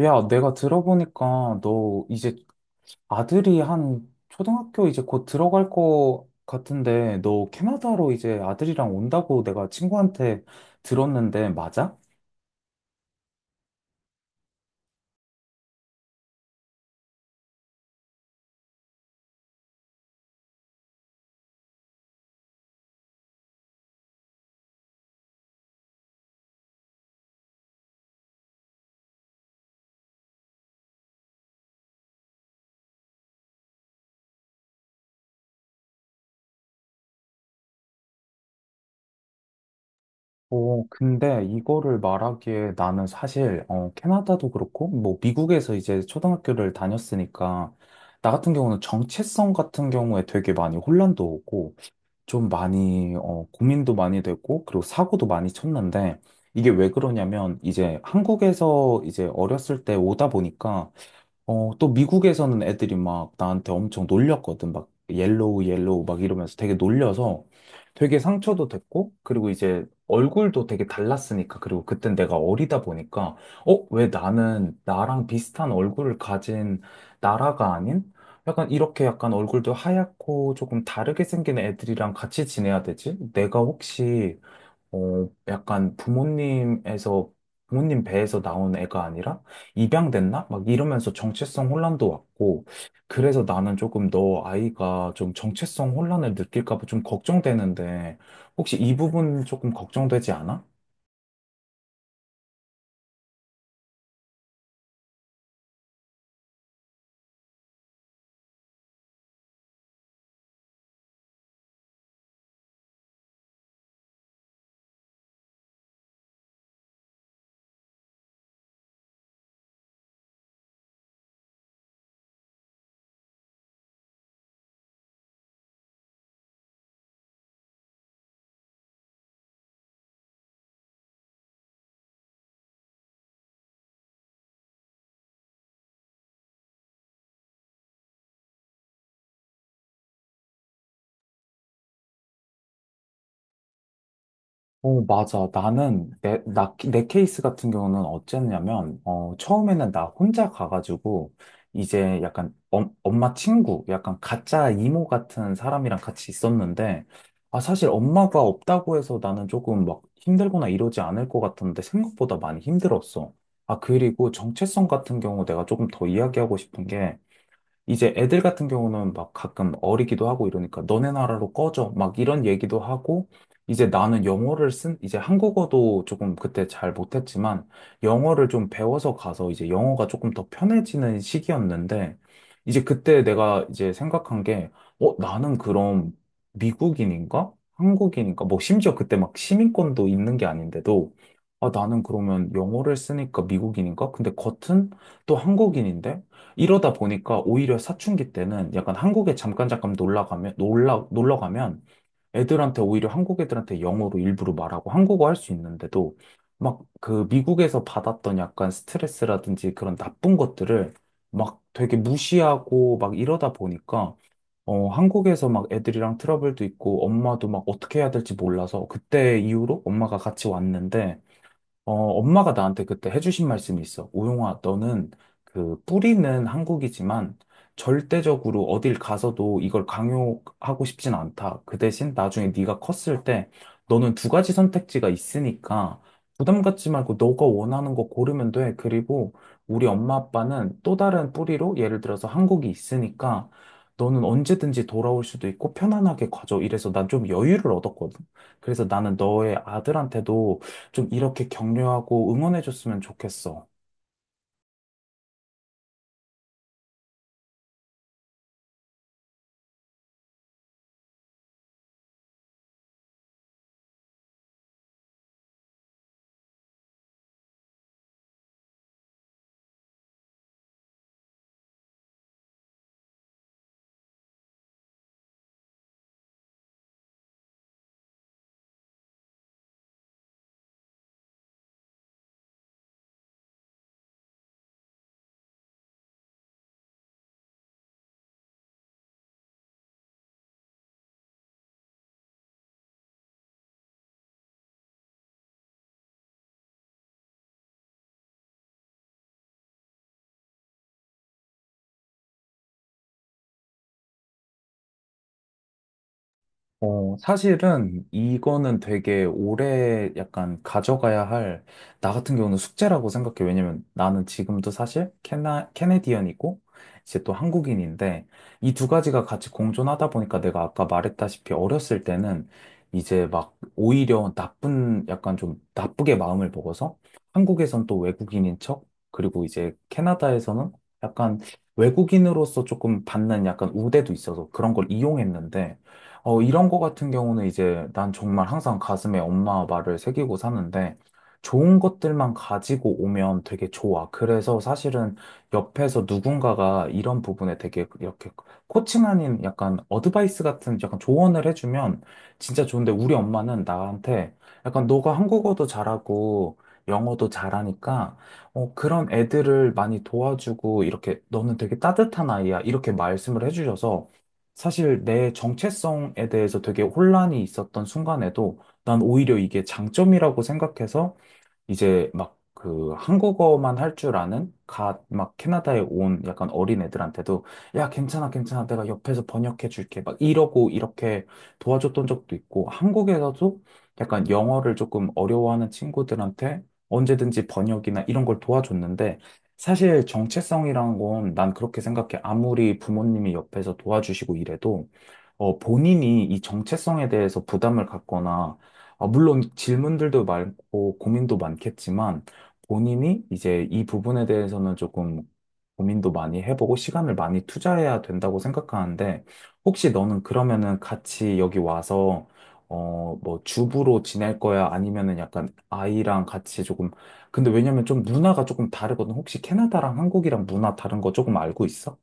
야, 내가 들어보니까 너 이제 아들이 한 초등학교 이제 곧 들어갈 거 같은데 너 캐나다로 이제 아들이랑 온다고 내가 친구한테 들었는데 맞아? 근데 이거를 말하기에 나는 사실 캐나다도 그렇고 뭐 미국에서 이제 초등학교를 다녔으니까 나 같은 경우는 정체성 같은 경우에 되게 많이 혼란도 오고 좀 많이, 고민도 많이 됐고, 그리고 사고도 많이 쳤는데, 이게 왜 그러냐면, 이제 한국에서 이제 어렸을 때 오다 보니까, 또 미국에서는 애들이 막 나한테 엄청 놀렸거든. 막 옐로우, 옐로우 막 이러면서 되게 놀려서 되게 상처도 됐고, 그리고 이제 얼굴도 되게 달랐으니까, 그리고 그땐 내가 어리다 보니까, 왜 나는 나랑 비슷한 얼굴을 가진 나라가 아닌? 약간 이렇게 약간 얼굴도 하얗고 조금 다르게 생긴 애들이랑 같이 지내야 되지? 내가 혹시 약간 부모님에서, 부모님 배에서 나온 애가 아니라 입양됐나? 막 이러면서 정체성 혼란도 왔고, 그래서 나는 조금 너 아이가 좀 정체성 혼란을 느낄까 봐 좀 걱정되는데, 혹시 이 부분 조금 걱정되지 않아? 어, 맞아. 내 케이스 같은 경우는 어쨌냐면, 처음에는 나 혼자 가가지고, 이제 약간 엄마 친구, 약간 가짜 이모 같은 사람이랑 같이 있었는데, 아, 사실 엄마가 없다고 해서 나는 조금 막 힘들거나 이러지 않을 것 같았는데, 생각보다 많이 힘들었어. 아, 그리고 정체성 같은 경우 내가 조금 더 이야기하고 싶은 게, 이제 애들 같은 경우는 막 가끔 어리기도 하고 이러니까 너네 나라로 꺼져 막 이런 얘기도 하고 이제 나는 영어를 쓴 이제 한국어도 조금 그때 잘 못했지만 영어를 좀 배워서 가서 이제 영어가 조금 더 편해지는 시기였는데 이제 그때 내가 이제 생각한 게 나는 그럼 미국인인가? 한국인인가? 뭐 심지어 그때 막 시민권도 있는 게 아닌데도 아, 나는 그러면 영어를 쓰니까 미국인인가? 근데 겉은 또 한국인인데? 이러다 보니까 오히려 사춘기 때는 약간 한국에 잠깐 잠깐 놀러 가면, 놀러 가면 애들한테 오히려 한국 애들한테 영어로 일부러 말하고 한국어 할 수 있는데도 막 그 미국에서 받았던 약간 스트레스라든지 그런 나쁜 것들을 막 되게 무시하고 막 이러다 보니까 한국에서 막 애들이랑 트러블도 있고 엄마도 막 어떻게 해야 될지 몰라서 그때 이후로 엄마가 같이 왔는데 엄마가 나한테 그때 해주신 말씀이 있어. 우용아, 너는 그 뿌리는 한국이지만 절대적으로 어딜 가서도 이걸 강요하고 싶진 않다. 그 대신 나중에 네가 컸을 때 너는 두 가지 선택지가 있으니까 부담 갖지 말고 너가 원하는 거 고르면 돼. 그리고 우리 엄마 아빠는 또 다른 뿌리로 예를 들어서 한국이 있으니까 너는 언제든지 돌아올 수도 있고 편안하게 가져. 이래서 난 좀 여유를 얻었거든. 그래서 나는 너의 아들한테도 좀 이렇게 격려하고 응원해줬으면 좋겠어. 어, 사실은 이거는 되게 오래 약간 가져가야 할, 나 같은 경우는 숙제라고 생각해. 왜냐면 나는 지금도 사실 캐네디언이고, 이제 또 한국인인데, 이 두 가지가 같이 공존하다 보니까 내가 아까 말했다시피 어렸을 때는 이제 막 오히려 나쁜, 약간 좀 나쁘게 마음을 먹어서 한국에선 또 외국인인 척, 그리고 이제 캐나다에서는 약간 외국인으로서 조금 받는 약간 우대도 있어서 그런 걸 이용했는데, 이런 거 같은 경우는 이제 난 정말 항상 가슴에 엄마 말을 새기고 사는데 좋은 것들만 가지고 오면 되게 좋아. 그래서 사실은 옆에서 누군가가 이런 부분에 되게 이렇게 코칭 아닌 약간 어드바이스 같은 약간 조언을 해주면 진짜 좋은데 우리 엄마는 나한테 약간 너가 한국어도 잘하고 영어도 잘하니까 그런 애들을 많이 도와주고 이렇게 너는 되게 따뜻한 아이야. 이렇게 말씀을 해주셔서 사실 내 정체성에 대해서 되게 혼란이 있었던 순간에도 난 오히려 이게 장점이라고 생각해서 이제 막 그 한국어만 할 줄 아는 갓 막 캐나다에 온 약간 어린 애들한테도 야, 괜찮아, 괜찮아. 내가 옆에서 번역해 줄게. 막 이러고 이렇게 도와줬던 적도 있고 한국에서도 약간 영어를 조금 어려워하는 친구들한테 언제든지 번역이나 이런 걸 도와줬는데 사실 정체성이란 건 난 그렇게 생각해. 아무리 부모님이 옆에서 도와주시고 이래도 본인이 이 정체성에 대해서 부담을 갖거나 아, 물론 질문들도 많고 고민도 많겠지만 본인이 이제 이 부분에 대해서는 조금 고민도 많이 해보고 시간을 많이 투자해야 된다고 생각하는데 혹시 너는 그러면은 같이 여기 와서 뭐 주부로 지낼 거야? 아니면은 약간 아이랑 같이 조금 근데 왜냐면 좀 문화가 조금 다르거든. 혹시 캐나다랑 한국이랑 문화 다른 거 조금 알고 있어?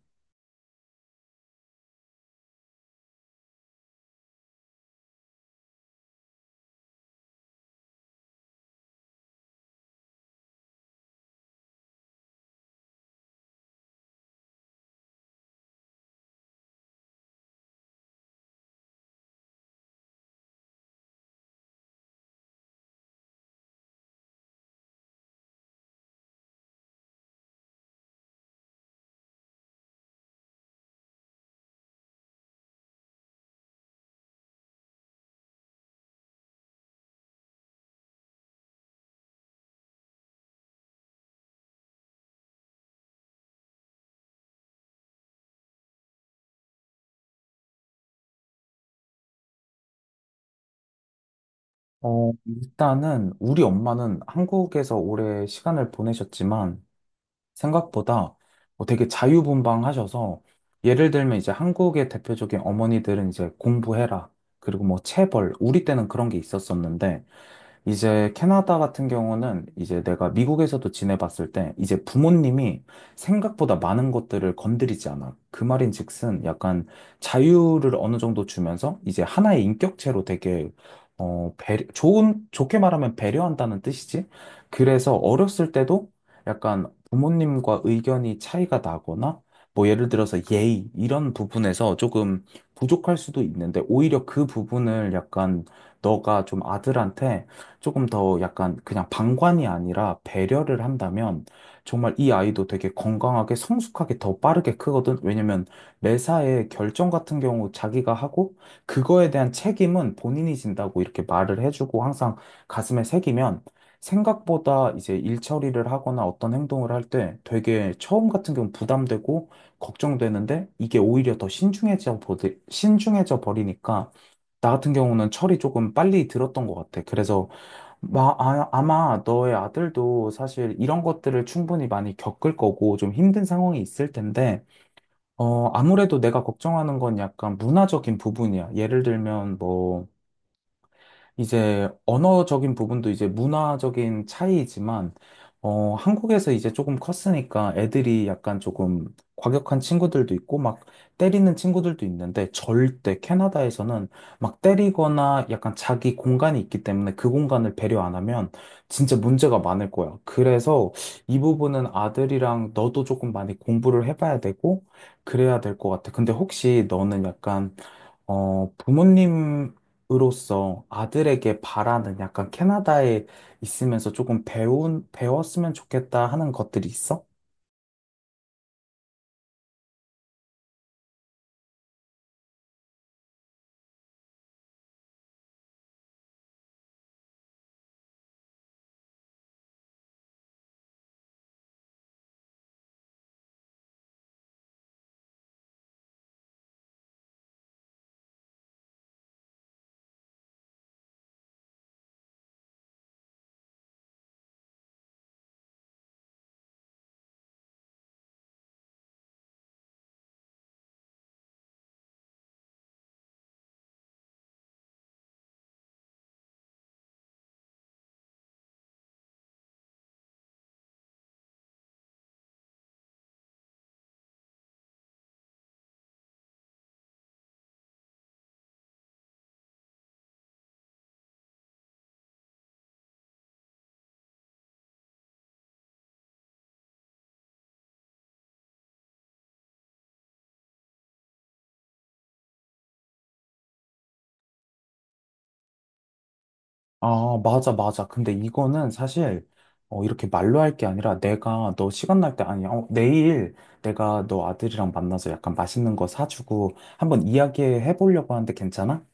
어, 일단은 우리 엄마는 한국에서 오래 시간을 보내셨지만 생각보다 뭐 되게 자유분방하셔서 예를 들면 이제 한국의 대표적인 어머니들은 이제 공부해라. 그리고 뭐 체벌. 우리 때는 그런 게 있었었는데 이제 캐나다 같은 경우는 이제 내가 미국에서도 지내봤을 때 이제 부모님이 생각보다 많은 것들을 건드리지 않아. 그 말인즉슨 약간 자유를 어느 정도 주면서 이제 하나의 인격체로 되게 좋게 말하면 배려한다는 뜻이지. 그래서 어렸을 때도 약간 부모님과 의견이 차이가 나거나 뭐 예를 들어서 예의 이런 부분에서 조금 부족할 수도 있는데 오히려 그 부분을 약간 너가 좀 아들한테 조금 더 약간 그냥 방관이 아니라 배려를 한다면 정말 이 아이도 되게 건강하게 성숙하게 더 빠르게 크거든. 왜냐면 매사에 결정 같은 경우 자기가 하고 그거에 대한 책임은 본인이 진다고 이렇게 말을 해주고 항상 가슴에 새기면 생각보다 이제 일 처리를 하거나 어떤 행동을 할 때 되게 처음 같은 경우 부담되고 걱정되는데 이게 오히려 더 신중해져 버리니까 나 같은 경우는 철이 조금 빨리 들었던 것 같아. 그래서 아마 너의 아들도 사실 이런 것들을 충분히 많이 겪을 거고 좀 힘든 상황이 있을 텐데, 아무래도 내가 걱정하는 건 약간 문화적인 부분이야. 예를 들면 뭐, 이제 언어적인 부분도 이제 문화적인 차이이지만, 한국에서 이제 조금 컸으니까 애들이 약간 조금 과격한 친구들도 있고, 막 때리는 친구들도 있는데, 절대 캐나다에서는 막 때리거나 약간 자기 공간이 있기 때문에 그 공간을 배려 안 하면 진짜 문제가 많을 거야. 그래서 이 부분은 아들이랑 너도 조금 많이 공부를 해봐야 되고, 그래야 될 것 같아. 근데 혹시 너는 약간 부모님으로서 아들에게 바라는 약간 캐나다에 있으면서 조금 배웠으면 좋겠다 하는 것들이 있어? 아, 맞아, 맞아. 근데 이거는 사실, 이렇게 말로 할 게 아니라 내가 너 시간 날 때, 아니, 내일 내가 너 아들이랑 만나서 약간 맛있는 거 사주고 한번 이야기해 보려고 하는데 괜찮아?